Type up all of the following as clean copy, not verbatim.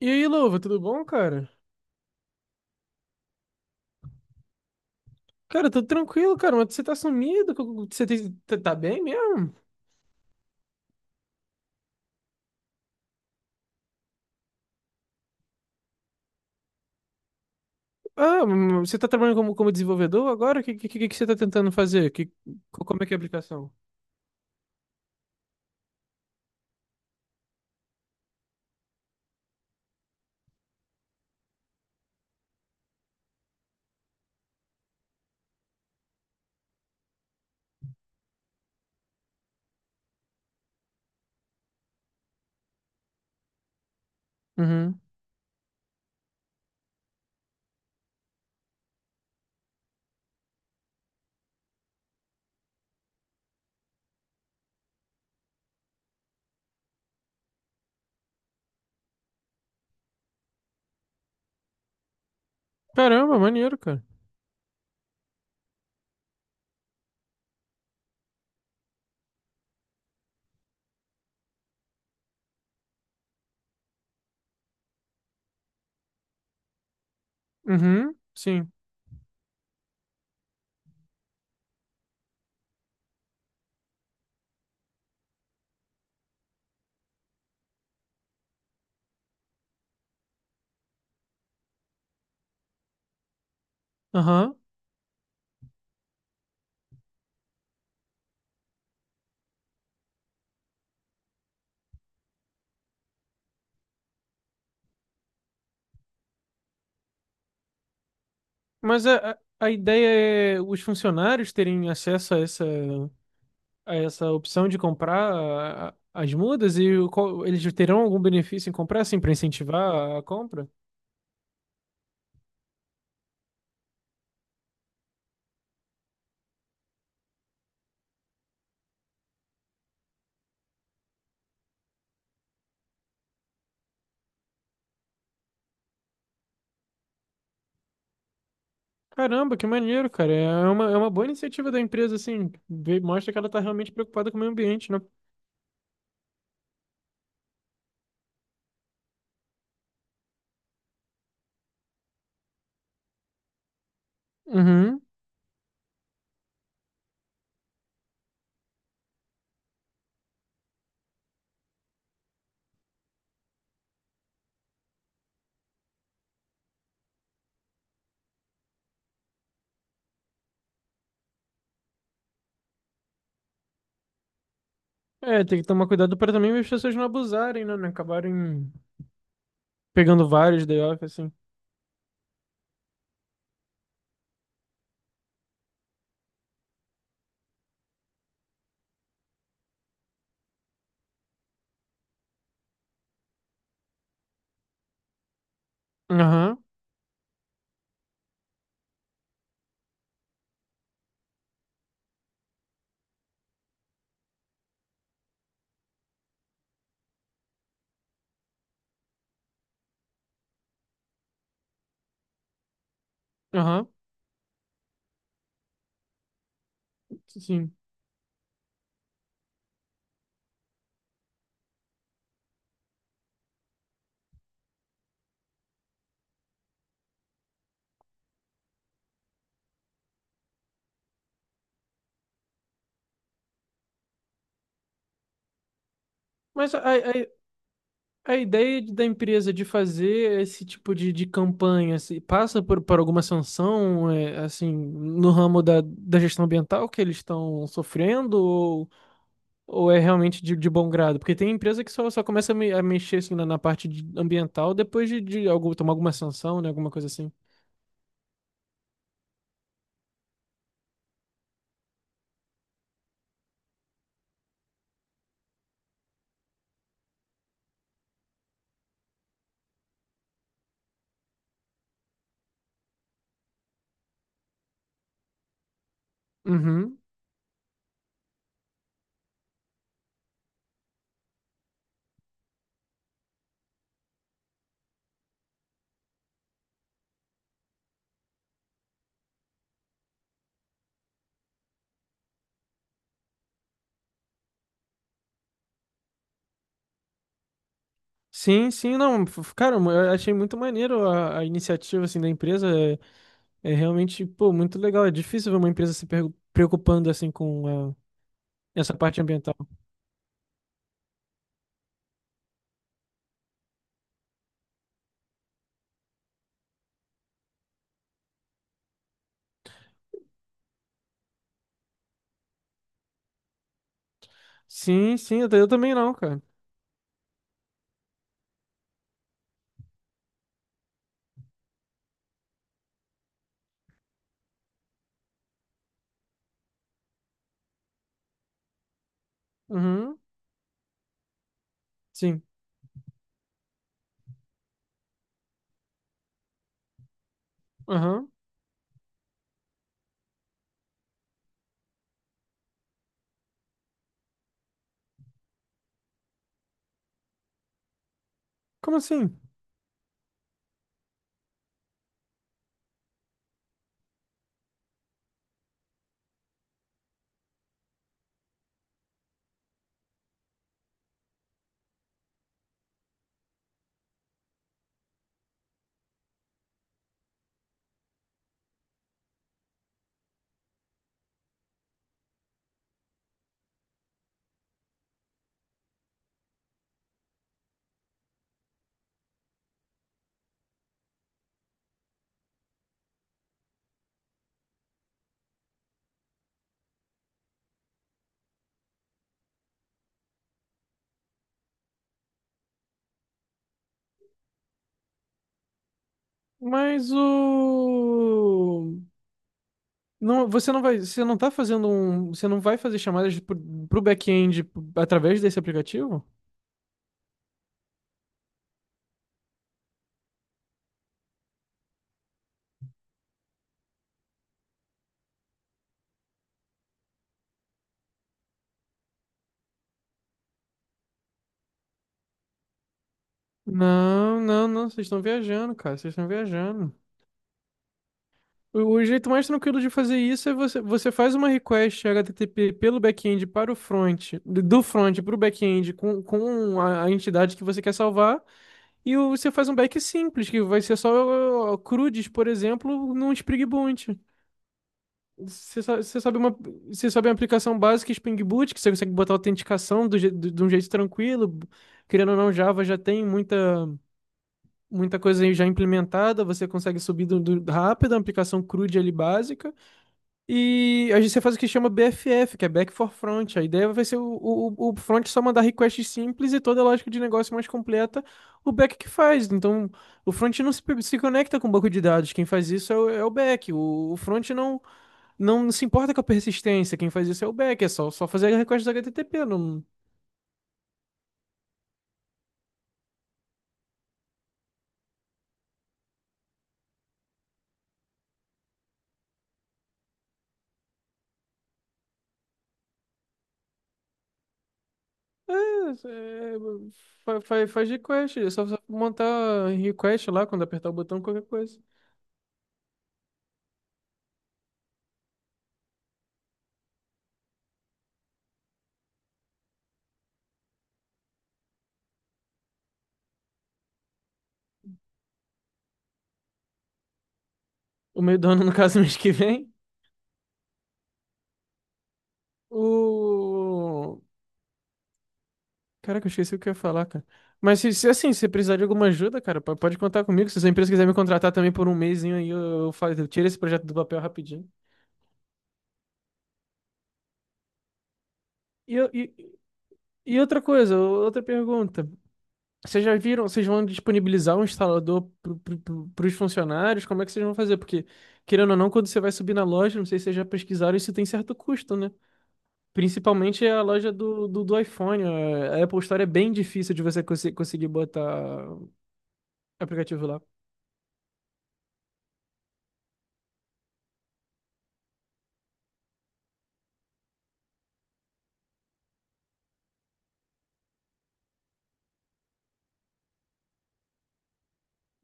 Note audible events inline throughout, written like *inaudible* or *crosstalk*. E aí, Louva, tudo bom, cara? Cara, tudo tranquilo, cara, mas você tá sumido? Você tá bem mesmo? Ah, você tá trabalhando como desenvolvedor agora? O que você tá tentando fazer? Como é que é a aplicação? Uhum. Caramba, maneiro, cara. Uhum, sim. Aham. Mas a ideia é os funcionários terem acesso a essa essa opção de comprar as mudas e o eles terão algum benefício em comprar, assim, para incentivar a compra? Caramba, que maneiro, cara. É uma, é uma boa iniciativa da empresa, assim. Mostra que ela tá realmente preocupada com o meio ambiente, né? Uhum. É, tem que tomar cuidado para também as pessoas não abusarem, né? Não acabarem pegando vários day off, assim. Aham, aham, sim. Mas a, a, A ideia da empresa de fazer esse tipo de campanha se passa por alguma sanção, é, assim, no ramo da gestão ambiental que eles estão sofrendo, ou é realmente de bom grado? Porque tem empresa que só começa a mexer assim, na parte ambiental depois de algum, tomar alguma sanção, né, alguma coisa assim. Uhum. Sim, sim, não, f- cara, eu achei muito maneiro a iniciativa, assim, da empresa, é, é realmente, pô, muito legal, é difícil ver uma empresa se preocupando, assim, com essa parte ambiental. Sim, sim, eu também não, cara. Uhum, sim. Aham. Como assim? Mas o. Não, você não vai. Você não tá fazendo um. Você não vai fazer chamadas pro back-end através desse aplicativo? Não, não, não. Vocês estão viajando, cara. Vocês estão viajando. O jeito mais tranquilo de fazer isso é você faz uma request HTTP pelo back-end para o front, do front para o back-end com a entidade que você quer salvar, e você faz um back simples, que vai ser só CRUDs, por exemplo, num Spring Boot. Você, sa- você sabe uma, você sabe uma aplicação básica Spring Boot, que você consegue botar autenticação do je- de um jeito tranquilo, querendo ou não, Java já tem muita, muita coisa aí já implementada, você consegue subir rápido, a aplicação CRUD ali básica. E a gente você faz o que chama BFF, que é Back for Front. A ideia vai ser o front só mandar requests simples e toda a lógica de negócio mais completa, o back que faz. Então, o front não se conecta com o banco de dados. Quem faz isso é é o back. O front não, não se importa com a persistência. Quem faz isso é o back. É só fazer request HTTP. Não, é, faz, faz request. É só montar request lá quando apertar o botão, qualquer coisa. O meio do ano, *laughs* no caso, mês que vem. O... Caraca, eu esqueci o que eu ia falar, cara. Mas se, assim, se precisar de alguma ajuda, cara, pode contar comigo. Se a sua empresa quiser me contratar também por um mesinho aí, eu tiro esse projeto do papel rapidinho. E, e outra coisa, outra pergunta. Vocês já viram, vocês vão disponibilizar um instalador para os funcionários? Como é que vocês vão fazer? Porque, querendo ou não, quando você vai subir na loja, não sei se vocês já pesquisaram, isso tem certo custo, né? Principalmente é a loja do iPhone. A Apple Store é bem difícil de você conseguir botar aplicativo lá.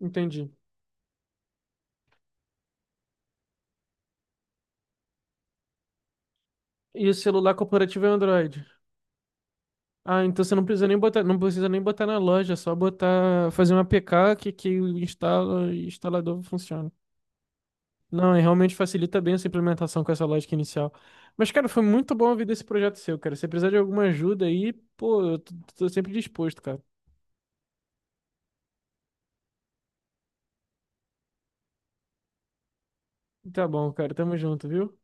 Entendi. E o celular corporativo é Android? Ah, então você não precisa nem botar, não precisa nem botar na loja, é só botar, fazer um APK que o instala e o instalador funciona. Não, e realmente facilita bem essa implementação com essa lógica inicial. Mas, cara, foi muito bom ouvir desse projeto seu, cara. Se precisar de alguma ajuda aí, pô, eu tô, tô sempre disposto, cara. Tá bom, cara. Tamo junto, viu?